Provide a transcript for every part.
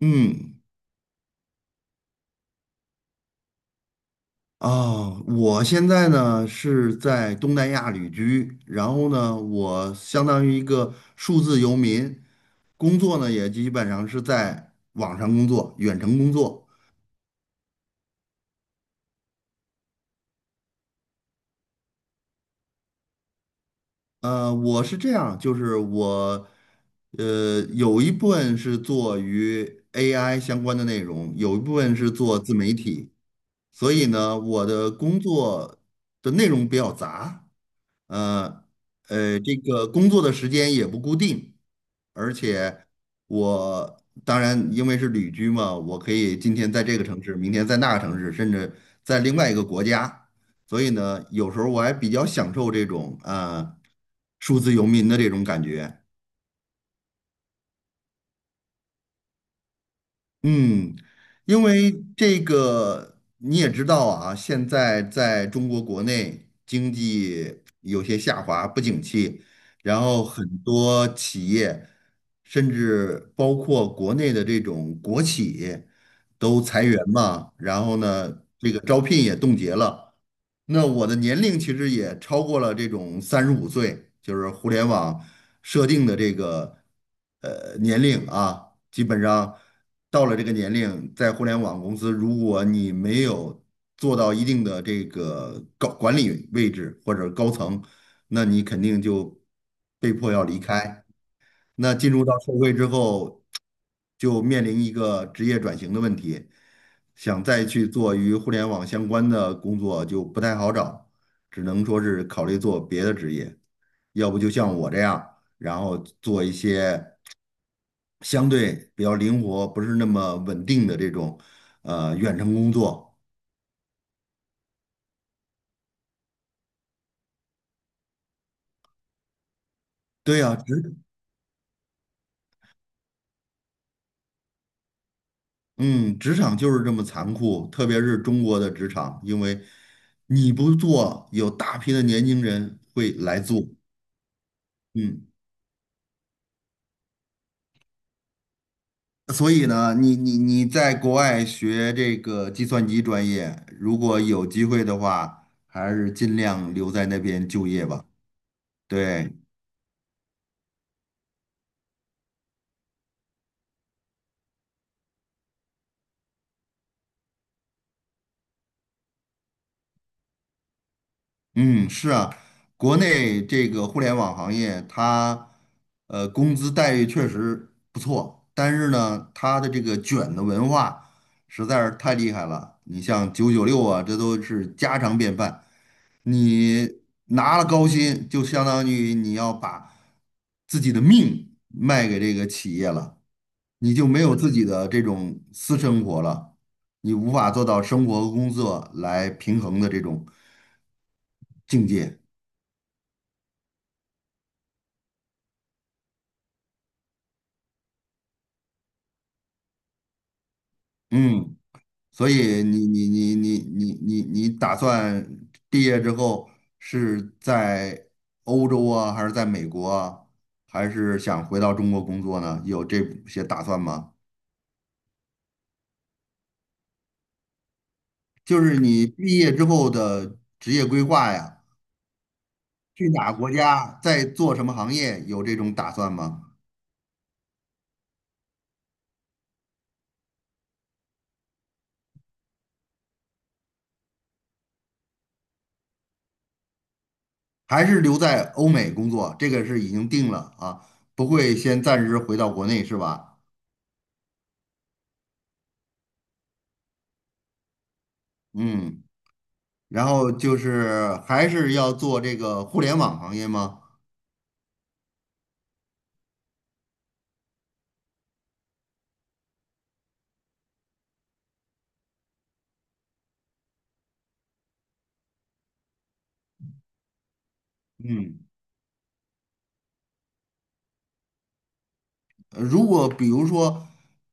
嗯，我现在呢是在东南亚旅居，然后呢，我相当于一个数字游民，工作呢也基本上是在网上工作，远程工作。我是这样，就是我,有一部分是做与 AI 相关的内容，有一部分是做自媒体，所以呢，我的工作的内容比较杂。呃这个工作的时间也不固定，而且我当然因为是旅居嘛，我可以今天在这个城市，明天在那个城市，甚至在另外一个国家，所以呢，有时候我还比较享受这种数字游民的这种感觉。嗯，因为这个你也知道啊，现在在中国国内经济有些下滑，不景气，然后很多企业，甚至包括国内的这种国企都裁员嘛，然后呢，这个招聘也冻结了。那我的年龄其实也超过了这种35岁，就是互联网设定的这个年龄啊，基本上到了这个年龄，在互联网公司，如果你没有做到一定的这个高管理位置或者高层，那你肯定就被迫要离开。那进入到社会之后，就面临一个职业转型的问题，想再去做与互联网相关的工作就不太好找，只能说是考虑做别的职业，要不就像我这样，然后做一些相对比较灵活、不是那么稳定的这种远程工作。对呀，职，嗯，职场就是这么残酷，特别是中国的职场，因为你不做，有大批的年轻人会来做。嗯，所以呢，你在国外学这个计算机专业，如果有机会的话，还是尽量留在那边就业吧。对，嗯，是啊，国内这个互联网行业，它工资待遇确实不错，但是呢，它的这个卷的文化实在是太厉害了。你像996啊，这都是家常便饭。你拿了高薪，就相当于你要把自己的命卖给这个企业了，你就没有自己的这种私生活了，你无法做到生活和工作来平衡的这种境界。嗯，所以你打算毕业之后是在欧洲啊，还是在美国啊，还是想回到中国工作呢？有这些打算吗？就是你毕业之后的职业规划呀，去哪个国家，在做什么行业，有这种打算吗？还是留在欧美工作？这个是已经定了啊，不会先暂时回到国内是吧？嗯。然后就是还是要做这个互联网行业吗？嗯，如果比如说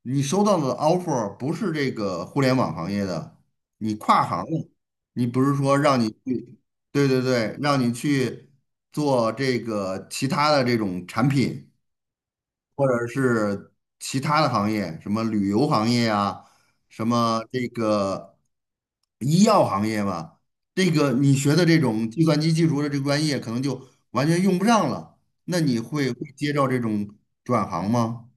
你收到的 offer 不是这个互联网行业的，你跨行了，你不是说让你去，对对对，让你去做这个其他的这种产品，或者是其他的行业，什么旅游行业啊，什么这个医药行业吧，这个你学的这种计算机技术的这个专业，可能就完全用不上了。那你会接到这种转行吗？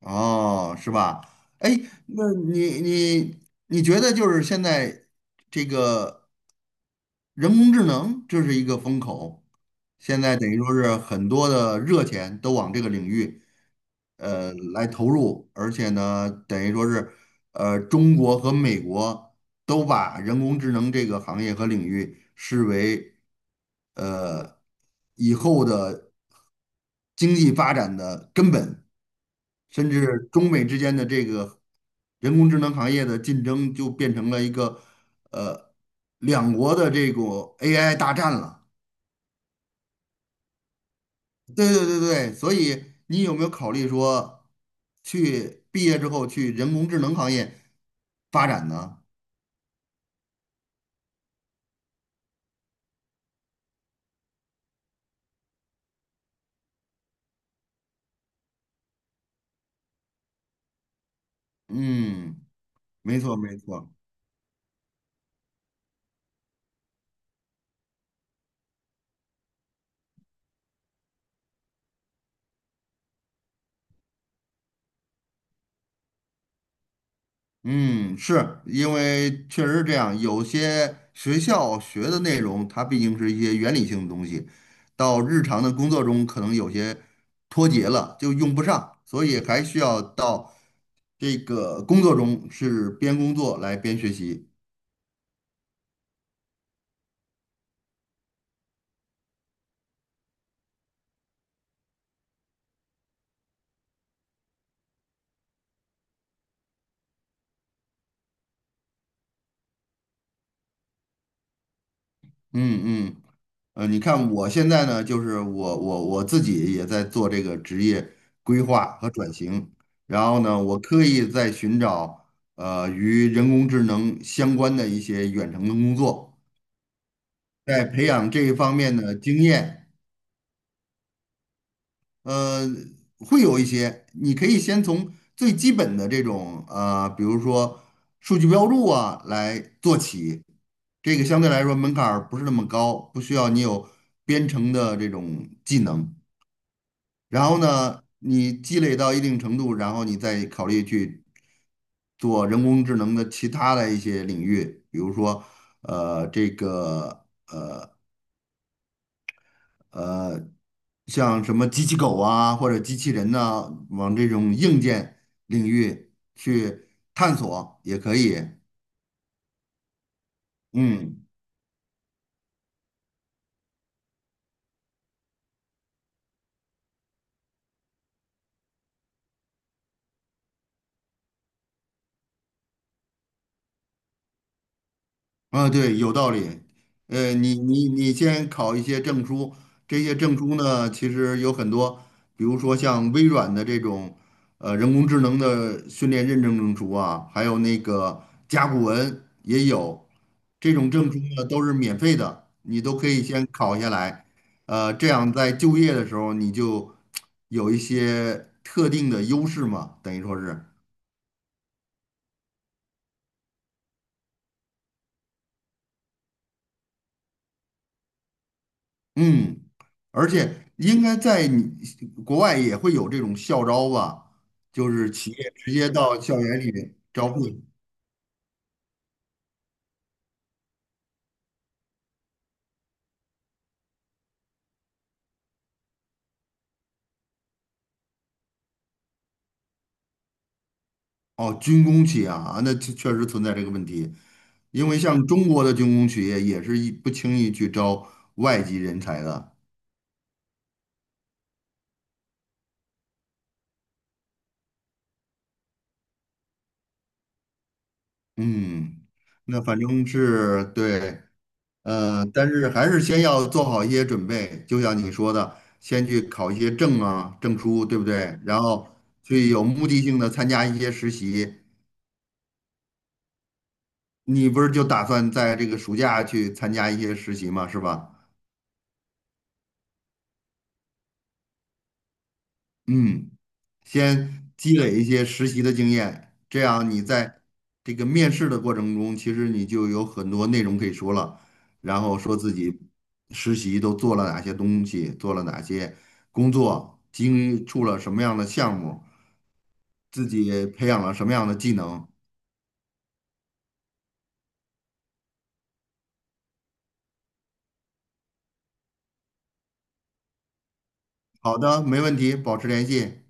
哦，是吧？哎，那你你你觉得就是现在这个人工智能，这是一个风口，现在等于说是很多的热钱都往这个领域。来投入，而且呢，等于说是，呃，中国和美国都把人工智能这个行业和领域视为呃以后的经济发展的根本，甚至中美之间的这个人工智能行业的竞争就变成了一个呃两国的这种 AI 大战了。对对对对，所以你有没有考虑说，去毕业之后去人工智能行业发展呢？嗯，没错没错，嗯，是因为确实是这样，有些学校学的内容，它毕竟是一些原理性的东西，到日常的工作中可能有些脱节了，就用不上，所以还需要到这个工作中是边工作来边学习。嗯嗯。呃，你看我现在呢，就是我自己也在做这个职业规划和转型，然后呢，我刻意在寻找与人工智能相关的一些远程的工作，在培养这一方面的经验，呃，会有一些，你可以先从最基本的这种比如说数据标注啊来做起。这个相对来说门槛儿不是那么高，不需要你有编程的这种技能。然后呢，你积累到一定程度，然后你再考虑去做人工智能的其他的一些领域，比如说，呃，这个呃，像什么机器狗啊，或者机器人呐、往这种硬件领域去探索也可以。嗯。啊，对，有道理。你先考一些证书，这些证书呢，其实有很多，比如说像微软的这种，呃，人工智能的训练认证证书啊，还有那个甲骨文也有，这种证书呢都是免费的，你都可以先考下来。呃，这样在就业的时候你就有一些特定的优势嘛，等于说是。嗯，而且应该在你国外也会有这种校招吧，就是企业直接到校园里招聘。哦，军工企业啊，那确确实存在这个问题，因为像中国的军工企业也是一不轻易去招外籍人才的。嗯，那反正是对。呃，但是还是先要做好一些准备，就像你说的，先去考一些证啊、证书，对不对？然后去有目的性的参加一些实习。你不是就打算在这个暑假去参加一些实习吗？是吧？嗯。先积累一些实习的经验，这样你在这个面试的过程中，其实你就有很多内容可以说了，然后说自己实习都做了哪些东西，做了哪些工作，经触了什么样的项目，自己培养了什么样的技能。好的，没问题，保持联系。